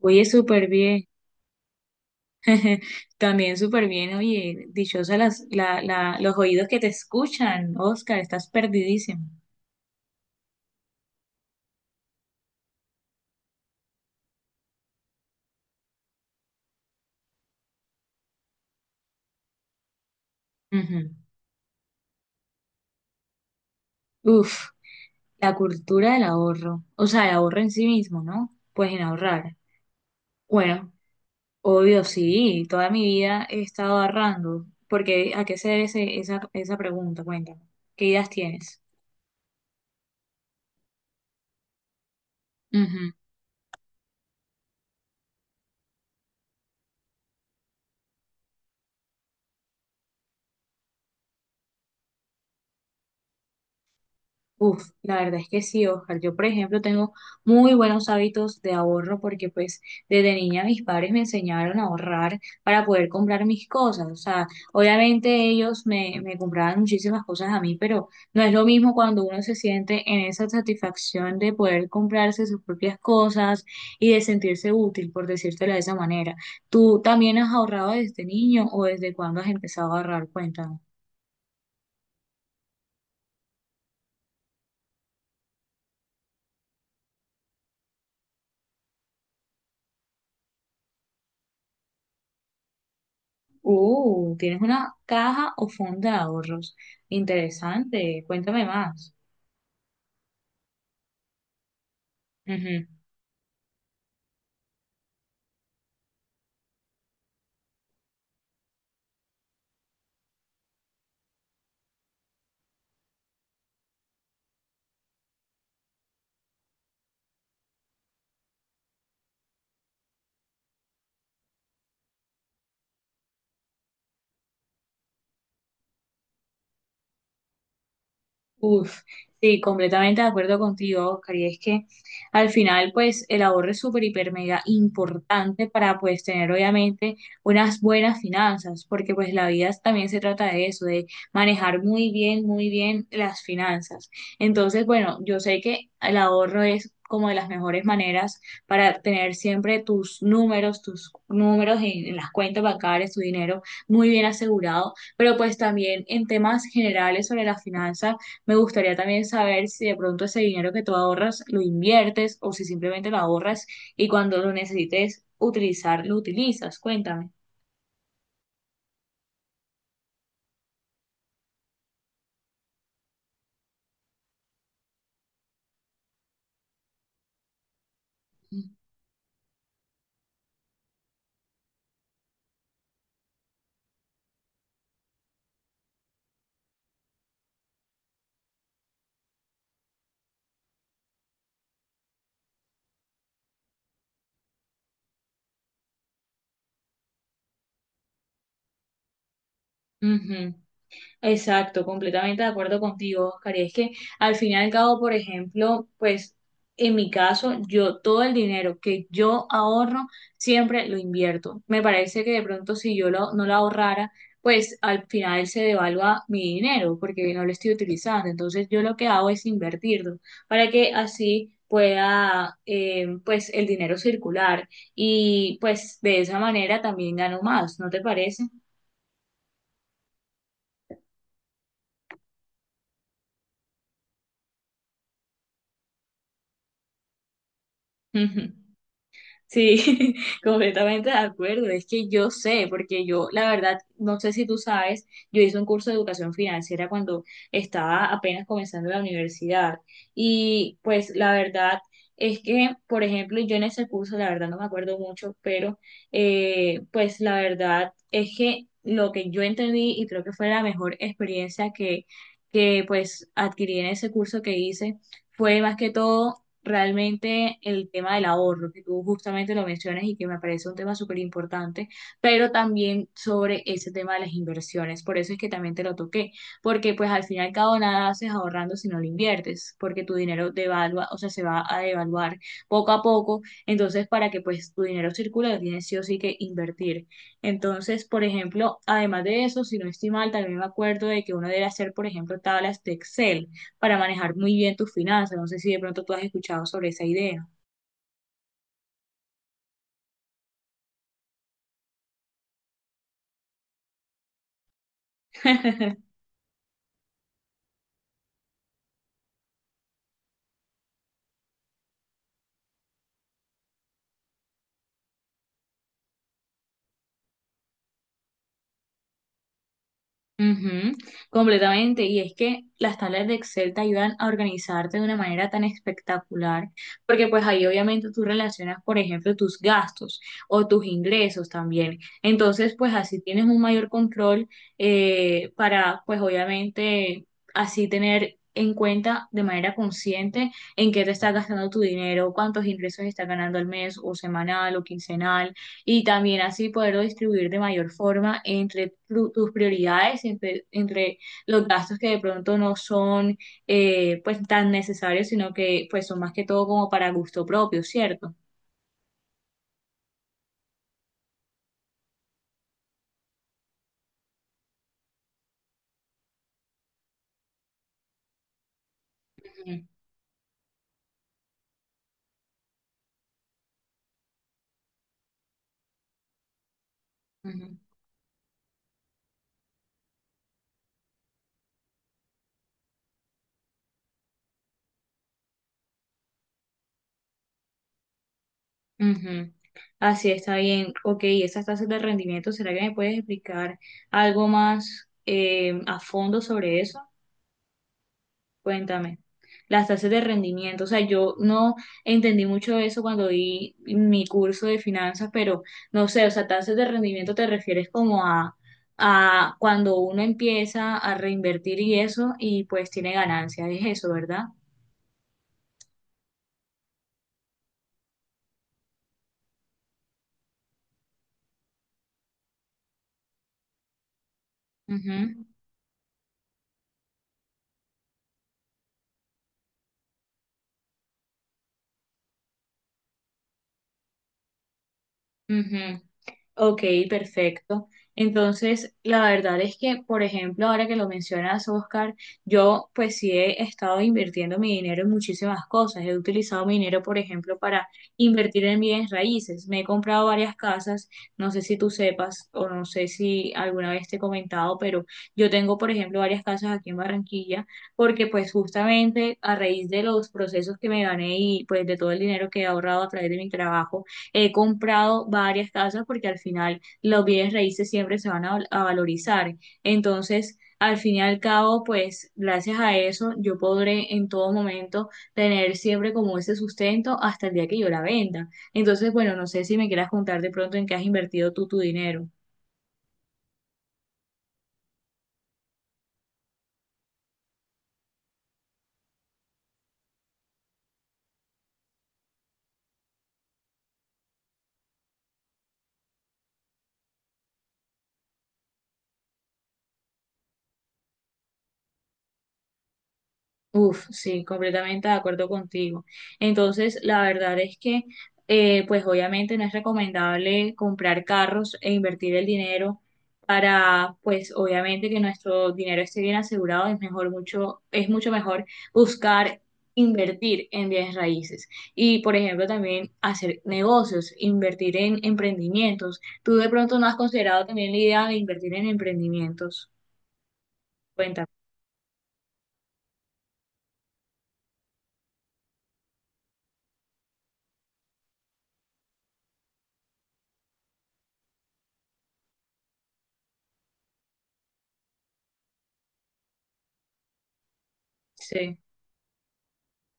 Oye, súper bien. También súper bien. Oye, dichosa los oídos que te escuchan, Oscar, estás perdidísimo. Ujú. Uf, la cultura del ahorro, o sea, el ahorro en sí mismo, ¿no? Pues en ahorrar. Bueno, obvio, sí, toda mi vida he estado ahorrando, porque ¿a qué se debe esa pregunta? Cuéntame, ¿qué ideas tienes? Uf, la verdad es que sí, Oscar. Yo, por ejemplo, tengo muy buenos hábitos de ahorro porque pues desde niña mis padres me enseñaron a ahorrar para poder comprar mis cosas. O sea, obviamente me compraban muchísimas cosas a mí, pero no es lo mismo cuando uno se siente en esa satisfacción de poder comprarse sus propias cosas y de sentirse útil, por decírtelo de esa manera. ¿Tú también has ahorrado desde niño o desde cuándo has empezado a ahorrar? Cuéntame. Tienes una caja o fondo de ahorros. Interesante. Cuéntame más. Uf, sí, completamente de acuerdo contigo, Oscar. Y es que al final, pues, el ahorro es súper, hiper, mega importante para, pues, tener obviamente unas buenas finanzas, porque, pues, la vida también se trata de eso, de manejar muy bien las finanzas. Entonces, bueno, yo sé que el ahorro es como de las mejores maneras para tener siempre tus números en las cuentas bancarias, tu dinero muy bien asegurado, pero pues también en temas generales sobre la finanza. Me gustaría también saber si de pronto ese dinero que tú ahorras lo inviertes o si simplemente lo ahorras y cuando lo necesites utilizar, lo utilizas. Cuéntame. Ujú. Exacto, completamente de acuerdo contigo, Oscar. Y es que al fin y al cabo, por ejemplo, pues en mi caso, yo todo el dinero que yo ahorro siempre lo invierto. Me parece que de pronto no lo ahorrara, pues al final se devalúa mi dinero porque no lo estoy utilizando. Entonces yo lo que hago es invertirlo para que así pueda pues el dinero circular y pues de esa manera también gano más, ¿no te parece? Sí, completamente de acuerdo. Es que yo sé, porque yo, la verdad, no sé si tú sabes, yo hice un curso de educación financiera cuando estaba apenas comenzando la universidad. Y pues la verdad es que, por ejemplo, yo en ese curso, la verdad no me acuerdo mucho, pero pues la verdad es que lo que yo entendí y creo que fue la mejor experiencia que pues adquirí en ese curso que hice fue más que todo realmente el tema del ahorro, que tú justamente lo mencionas y que me parece un tema súper importante, pero también sobre ese tema de las inversiones. Por eso es que también te lo toqué, porque pues al final cada al cabo nada haces ahorrando si no lo inviertes, porque tu dinero devalúa, o sea, se va a devaluar poco a poco. Entonces, para que pues tu dinero circule, lo tienes sí o sí que invertir. Entonces, por ejemplo, además de eso, si no estoy mal, también me acuerdo de que uno debe hacer, por ejemplo, tablas de Excel para manejar muy bien tus finanzas. No sé si de pronto tú has escuchado sobre esa idea. Ujú, completamente. Y es que las tablas de Excel te ayudan a organizarte de una manera tan espectacular, porque pues ahí obviamente tú relacionas, por ejemplo, tus gastos o tus ingresos también. Entonces, pues así tienes un mayor control para, pues obviamente, así tener en cuenta de manera consciente en qué te está gastando tu dinero, cuántos ingresos estás ganando al mes o semanal o quincenal y también así poderlo distribuir de mayor forma tus prioridades, entre los gastos que de pronto no son pues tan necesarios, sino que pues son más que todo como para gusto propio, ¿cierto? Ujú, ujú, ujú. Así está bien. Ok, esas tasas de rendimiento, ¿será que me puedes explicar algo más a fondo sobre eso? Cuéntame. Las tasas de rendimiento, o sea, yo no entendí mucho eso cuando vi mi curso de finanzas, pero no sé, o sea, tasas de rendimiento te refieres a cuando uno empieza a reinvertir y eso, y pues tiene ganancias, es eso, ¿verdad? Ujú, ujú. Ok, perfecto. Entonces, la verdad es que, por ejemplo, ahora que lo mencionas, Oscar, yo pues sí he estado invirtiendo mi dinero en muchísimas cosas. He utilizado mi dinero, por ejemplo, para invertir en bienes raíces. Me he comprado varias casas, no sé si tú sepas o no sé si alguna vez te he comentado, pero yo tengo, por ejemplo, varias casas aquí en Barranquilla, porque pues justamente a raíz de los procesos que me gané y pues de todo el dinero que he ahorrado a través de mi trabajo, he comprado varias casas porque al final los bienes raíces siempre se van a, val- a valorizar. Entonces, al fin y al cabo, pues gracias a eso yo podré en todo momento tener siempre como ese sustento hasta el día que yo la venda. Entonces, bueno, no sé si me quieras contar de pronto en qué has invertido tú tu dinero. Uf, sí, completamente de acuerdo contigo. Entonces, la verdad es que, pues obviamente no es recomendable comprar carros e invertir el dinero para, pues obviamente que nuestro dinero esté bien asegurado, es mucho mejor buscar invertir en bienes raíces y, por ejemplo, también hacer negocios, invertir en emprendimientos. ¿Tú de pronto no has considerado también la idea de invertir en emprendimientos? Cuéntame. Sí.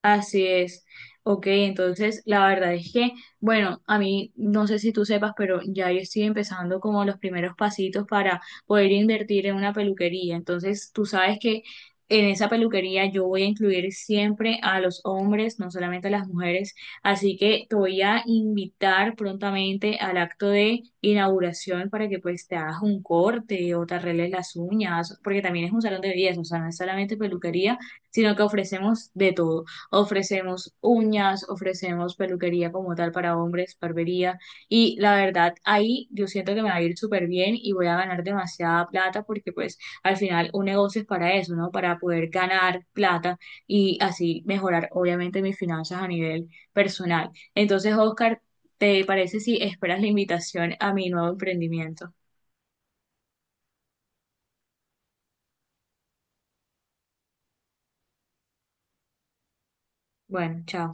Así es. Ok, entonces la verdad es que, bueno, a mí no sé si tú sepas, pero ya yo estoy empezando como los primeros pasitos para poder invertir en una peluquería. Entonces tú sabes que en esa peluquería yo voy a incluir siempre a los hombres, no solamente a las mujeres. Así que te voy a invitar prontamente al acto de inauguración para que pues te hagas un corte o te arregles las uñas, porque también es un salón de belleza, o sea, no es solamente peluquería, sino que ofrecemos de todo. Ofrecemos uñas, ofrecemos peluquería como tal para hombres, barbería. Y la verdad, ahí yo siento que me va a ir súper bien y voy a ganar demasiada plata porque pues al final un negocio es para eso, ¿no? Para poder ganar plata y así mejorar obviamente mis finanzas a nivel personal. Entonces, Oscar, ¿te parece si esperas la invitación a mi nuevo emprendimiento? Bueno, chao.